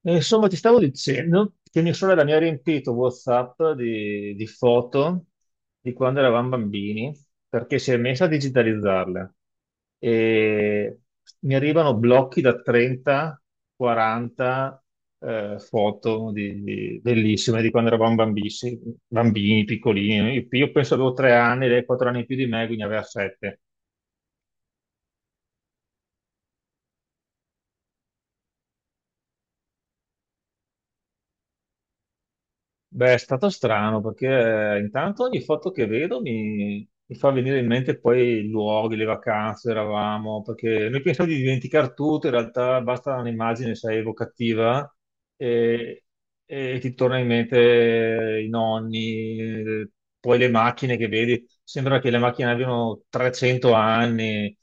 E insomma, ti stavo dicendo che mia sorella mi ha riempito WhatsApp di foto di quando eravamo bambini, perché si è messa a digitalizzarle. E mi arrivano blocchi da 30, 40 foto bellissime di quando eravamo bambini, bambini piccolini. Io penso avevo 3 anni, lei 4 anni più di me, quindi aveva 7. Beh, è stato strano perché intanto ogni foto che vedo mi fa venire in mente poi i luoghi, le vacanze, eravamo, perché noi pensavo di dimenticar tutto, in realtà basta un'immagine, sai, evocativa e, e ti torna in mente i nonni, poi le macchine che vedi, sembra che le macchine abbiano 300 anni.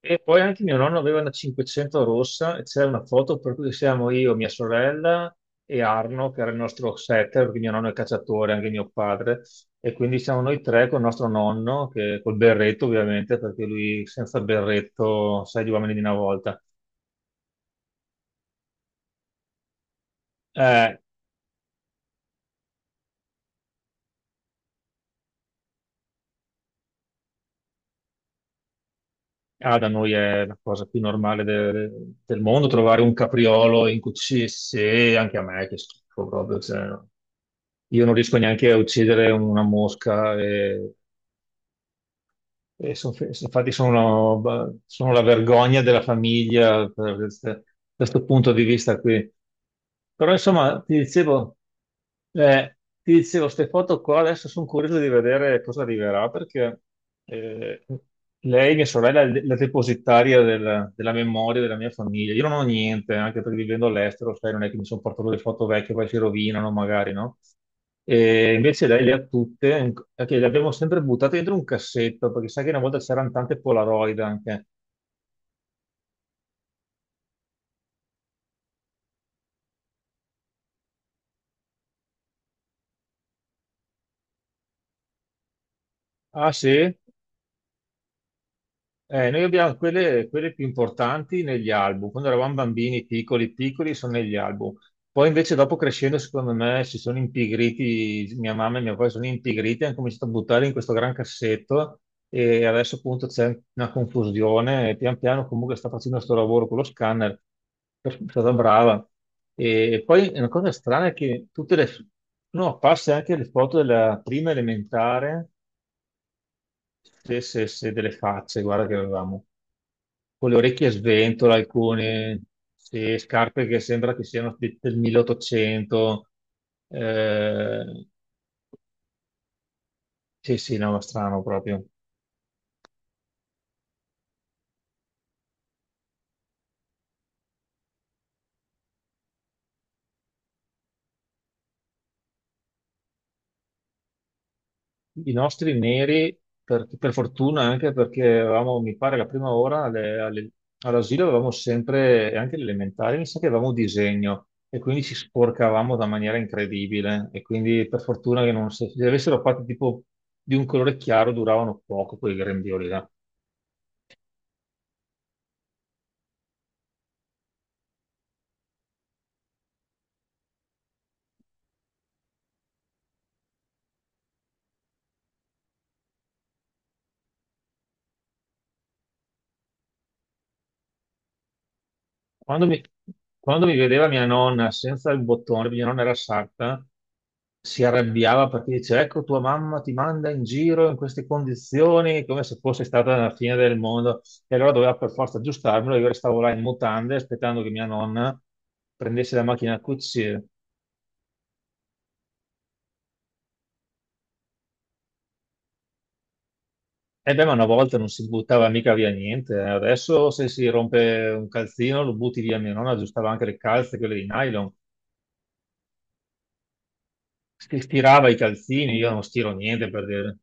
E poi anche mio nonno aveva una 500 rossa e c'è una foto per cui siamo io, mia sorella e Arno, che era il nostro setter, perché mio nonno è cacciatore, anche mio padre, e quindi siamo noi tre con il nostro nonno, che, col berretto ovviamente, perché lui senza berretto, sai, gli uomini di una volta. Eh, ah, da noi è la cosa più normale del mondo trovare un capriolo in cucisse, anche a me, che schifo proprio. Cioè, no. Io non riesco neanche a uccidere una mosca. Infatti sono la vergogna della famiglia da questo punto di vista qui. Però insomma, ti dicevo, queste foto qua adesso sono curioso di vedere cosa arriverà perché eh, lei, mia sorella, è la depositaria della memoria della mia famiglia. Io non ho niente, anche perché vivendo all'estero, sai, non è che mi sono portato le foto vecchie, poi si rovinano magari, no? E invece lei le ha tutte, anche le abbiamo sempre buttate dentro un cassetto, perché sai che una volta c'erano tante Polaroid anche. Ah sì? Noi abbiamo quelle più importanti negli album, quando eravamo bambini piccoli, piccoli sono negli album. Poi invece dopo crescendo, secondo me, si sono impigriti, mia mamma e mio padre sono impigriti, hanno cominciato a buttare in questo gran cassetto e adesso appunto c'è una confusione e pian piano comunque sta facendo questo lavoro con lo scanner, è stata brava. E poi una cosa strana è che tutte le... No, passa anche le foto della prima elementare, se, se, se delle facce, guarda che avevamo con le orecchie a sventola, alcune sì, scarpe che sembra che siano del 1800. Eh, sì, sì, no, ma strano proprio. I nostri neri, per fortuna, anche perché avevamo, mi pare, la prima ora all'asilo avevamo sempre, e anche l'elementare, mi sa che avevamo un disegno e quindi ci sporcavamo da maniera incredibile. E quindi per fortuna che non se avessero fatto tipo di un colore chiaro duravano poco quei grembiuli là. Quando mi, quando mi vedeva mia nonna senza il bottone, perché mia nonna era sarta, si arrabbiava perché dice: Ecco, tua mamma ti manda in giro in queste condizioni, come se fosse stata la fine del mondo. E allora doveva per forza aggiustarmelo. Io restavo là in mutande aspettando che mia nonna prendesse la macchina a cucire. E beh, ma una volta non si buttava mica via niente. Eh. Adesso se si rompe un calzino lo butti via. Mia nonna aggiustava anche le calze, quelle di nylon. Si stirava i calzini, io non stiro niente per dire.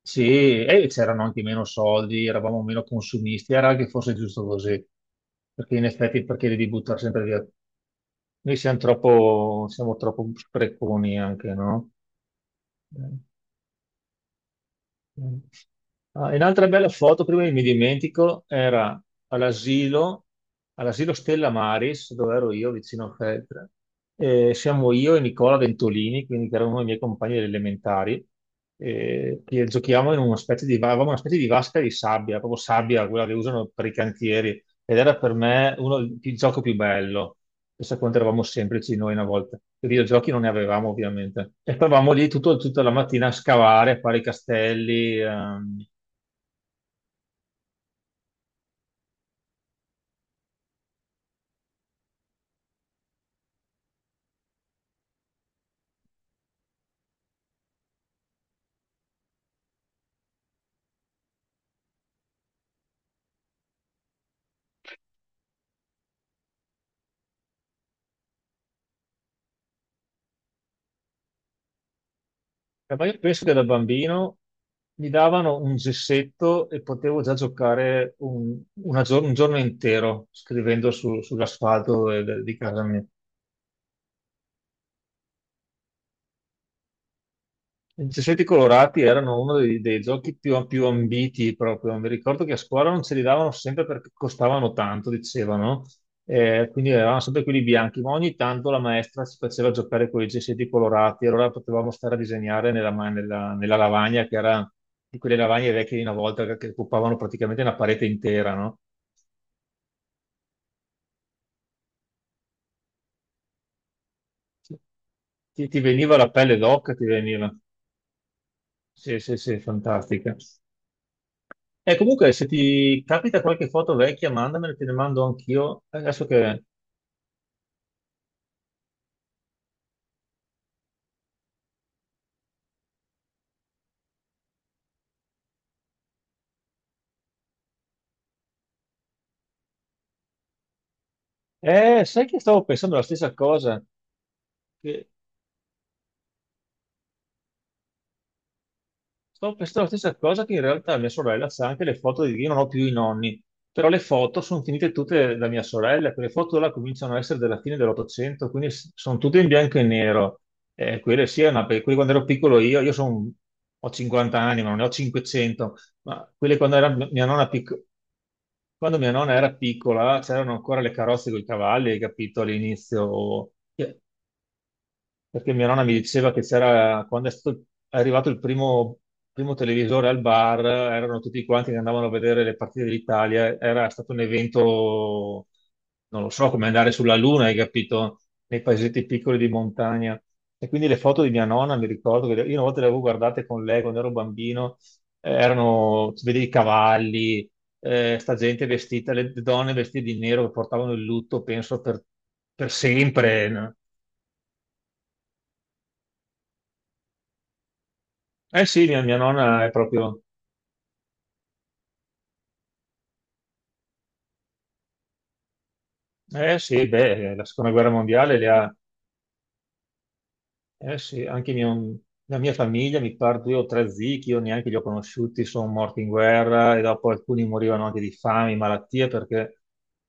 Sì, e c'erano anche meno soldi, eravamo meno consumisti, era anche forse giusto così, perché in effetti perché devi buttare sempre via? Noi siamo troppo spreconi anche, no? Mm. Ah, e un'altra bella foto, prima che mi dimentico, era all'asilo, all'asilo Stella Maris, dove ero io, vicino a Feltre. E siamo io e Nicola Ventolini, quindi che eravamo i miei compagni delle elementari, che giochiamo in una specie di, avevamo una specie di vasca di sabbia, proprio sabbia, quella che usano per i cantieri. Ed era per me uno, il gioco più bello. Pensa quanto eravamo semplici noi una volta. I videogiochi non ne avevamo ovviamente. E stavamo lì tutta la mattina a scavare, a fare i castelli. Ma io penso che da bambino mi davano un gessetto e potevo già giocare un giorno intero scrivendo sull'asfalto di casa mia. I gessetti colorati erano uno dei giochi più ambiti proprio. Mi ricordo che a scuola non ce li davano sempre perché costavano tanto, dicevano. Quindi avevamo sempre quelli bianchi, ma ogni tanto la maestra ci faceva giocare con i gessetti colorati. Allora potevamo stare a disegnare nella lavagna, che era di quelle lavagne vecchie di una volta che occupavano praticamente una parete intera, no? Ti veniva la pelle d'oca, ti veniva. Sì, sì, sì, fantastica. E comunque, se ti capita qualche foto vecchia, mandamela, te ne mando anch'io. Adesso che... sai che stavo pensando la stessa cosa? Che- Stavo pensando la stessa cosa che in realtà mia sorella sa anche le foto di... Io non ho più i nonni, però le foto sono finite tutte da mia sorella, perché le foto là cominciano a essere della fine dell'Ottocento, quindi sono tutte in bianco e nero. Quelle sì, è perché quelle quando ero piccolo io, ho 50 anni, ma non ne ho 500, ma quelle quando era mia nonna piccola. Quando mia nonna era piccola c'erano ancora le carrozze con i cavalli, hai capito, all'inizio. Perché mia nonna mi diceva quando è arrivato il primo televisore al bar, erano tutti quanti che andavano a vedere le partite dell'Italia, era stato un evento, non lo so, come andare sulla Luna, hai capito? Nei paesetti piccoli di montagna. E quindi le foto di mia nonna, mi ricordo, che io una volta le avevo guardate con lei quando ero bambino, erano, vedevi i cavalli, sta gente vestita, le donne vestite di nero che portavano il lutto, penso, per sempre. No? Eh sì, mia nonna è proprio... Eh sì, beh, la seconda guerra mondiale le ha... Eh sì, anche la mia famiglia, mi pare 2 o 3 zii che io neanche li ho conosciuti, sono morti in guerra e dopo alcuni morivano anche di fame, malattie, perché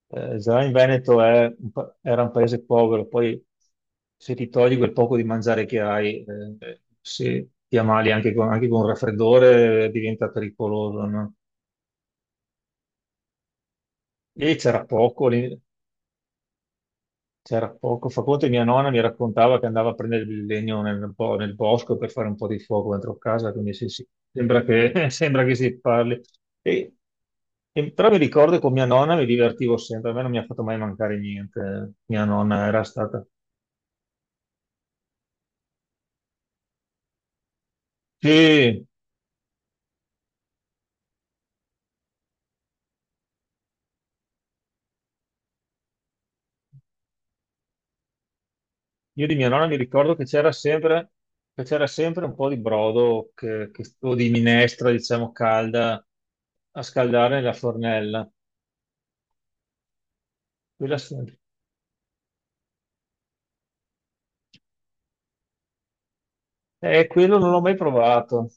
già in Veneto è era un paese povero, poi se ti togli quel poco di mangiare che hai, se ti ammali anche con un raffreddore diventa pericoloso, no? Lì c'era poco, lì- C'era poco. Fa conto che mia nonna mi raccontava che andava a prendere il legno nel bosco per fare un po' di fuoco dentro casa, quindi sì, sì, sembra che, sembra che si parli. E- però mi ricordo che con mia nonna mi divertivo sempre, a me non mi ha fatto mai mancare niente. Mia nonna era stata... Sì, io di mia nonna mi ricordo che c'era sempre un po' di brodo o di minestra, diciamo, calda a scaldare nella fornella. Quella sempre. Quello non l'ho mai provato.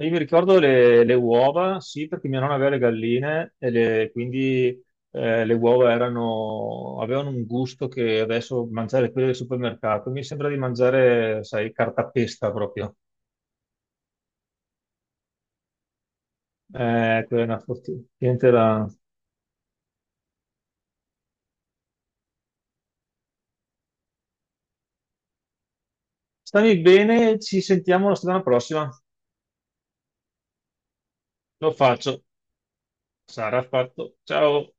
Io mi ricordo le uova, sì, perché mia nonna aveva le galline e quindi le uova erano, avevano un gusto che adesso mangiare quelle del supermercato mi sembra di mangiare, sai, cartapesta proprio. Quella è una fortuna. Era... Stammi bene, ci sentiamo la settimana prossima. Lo faccio. Sarà fatto. Ciao.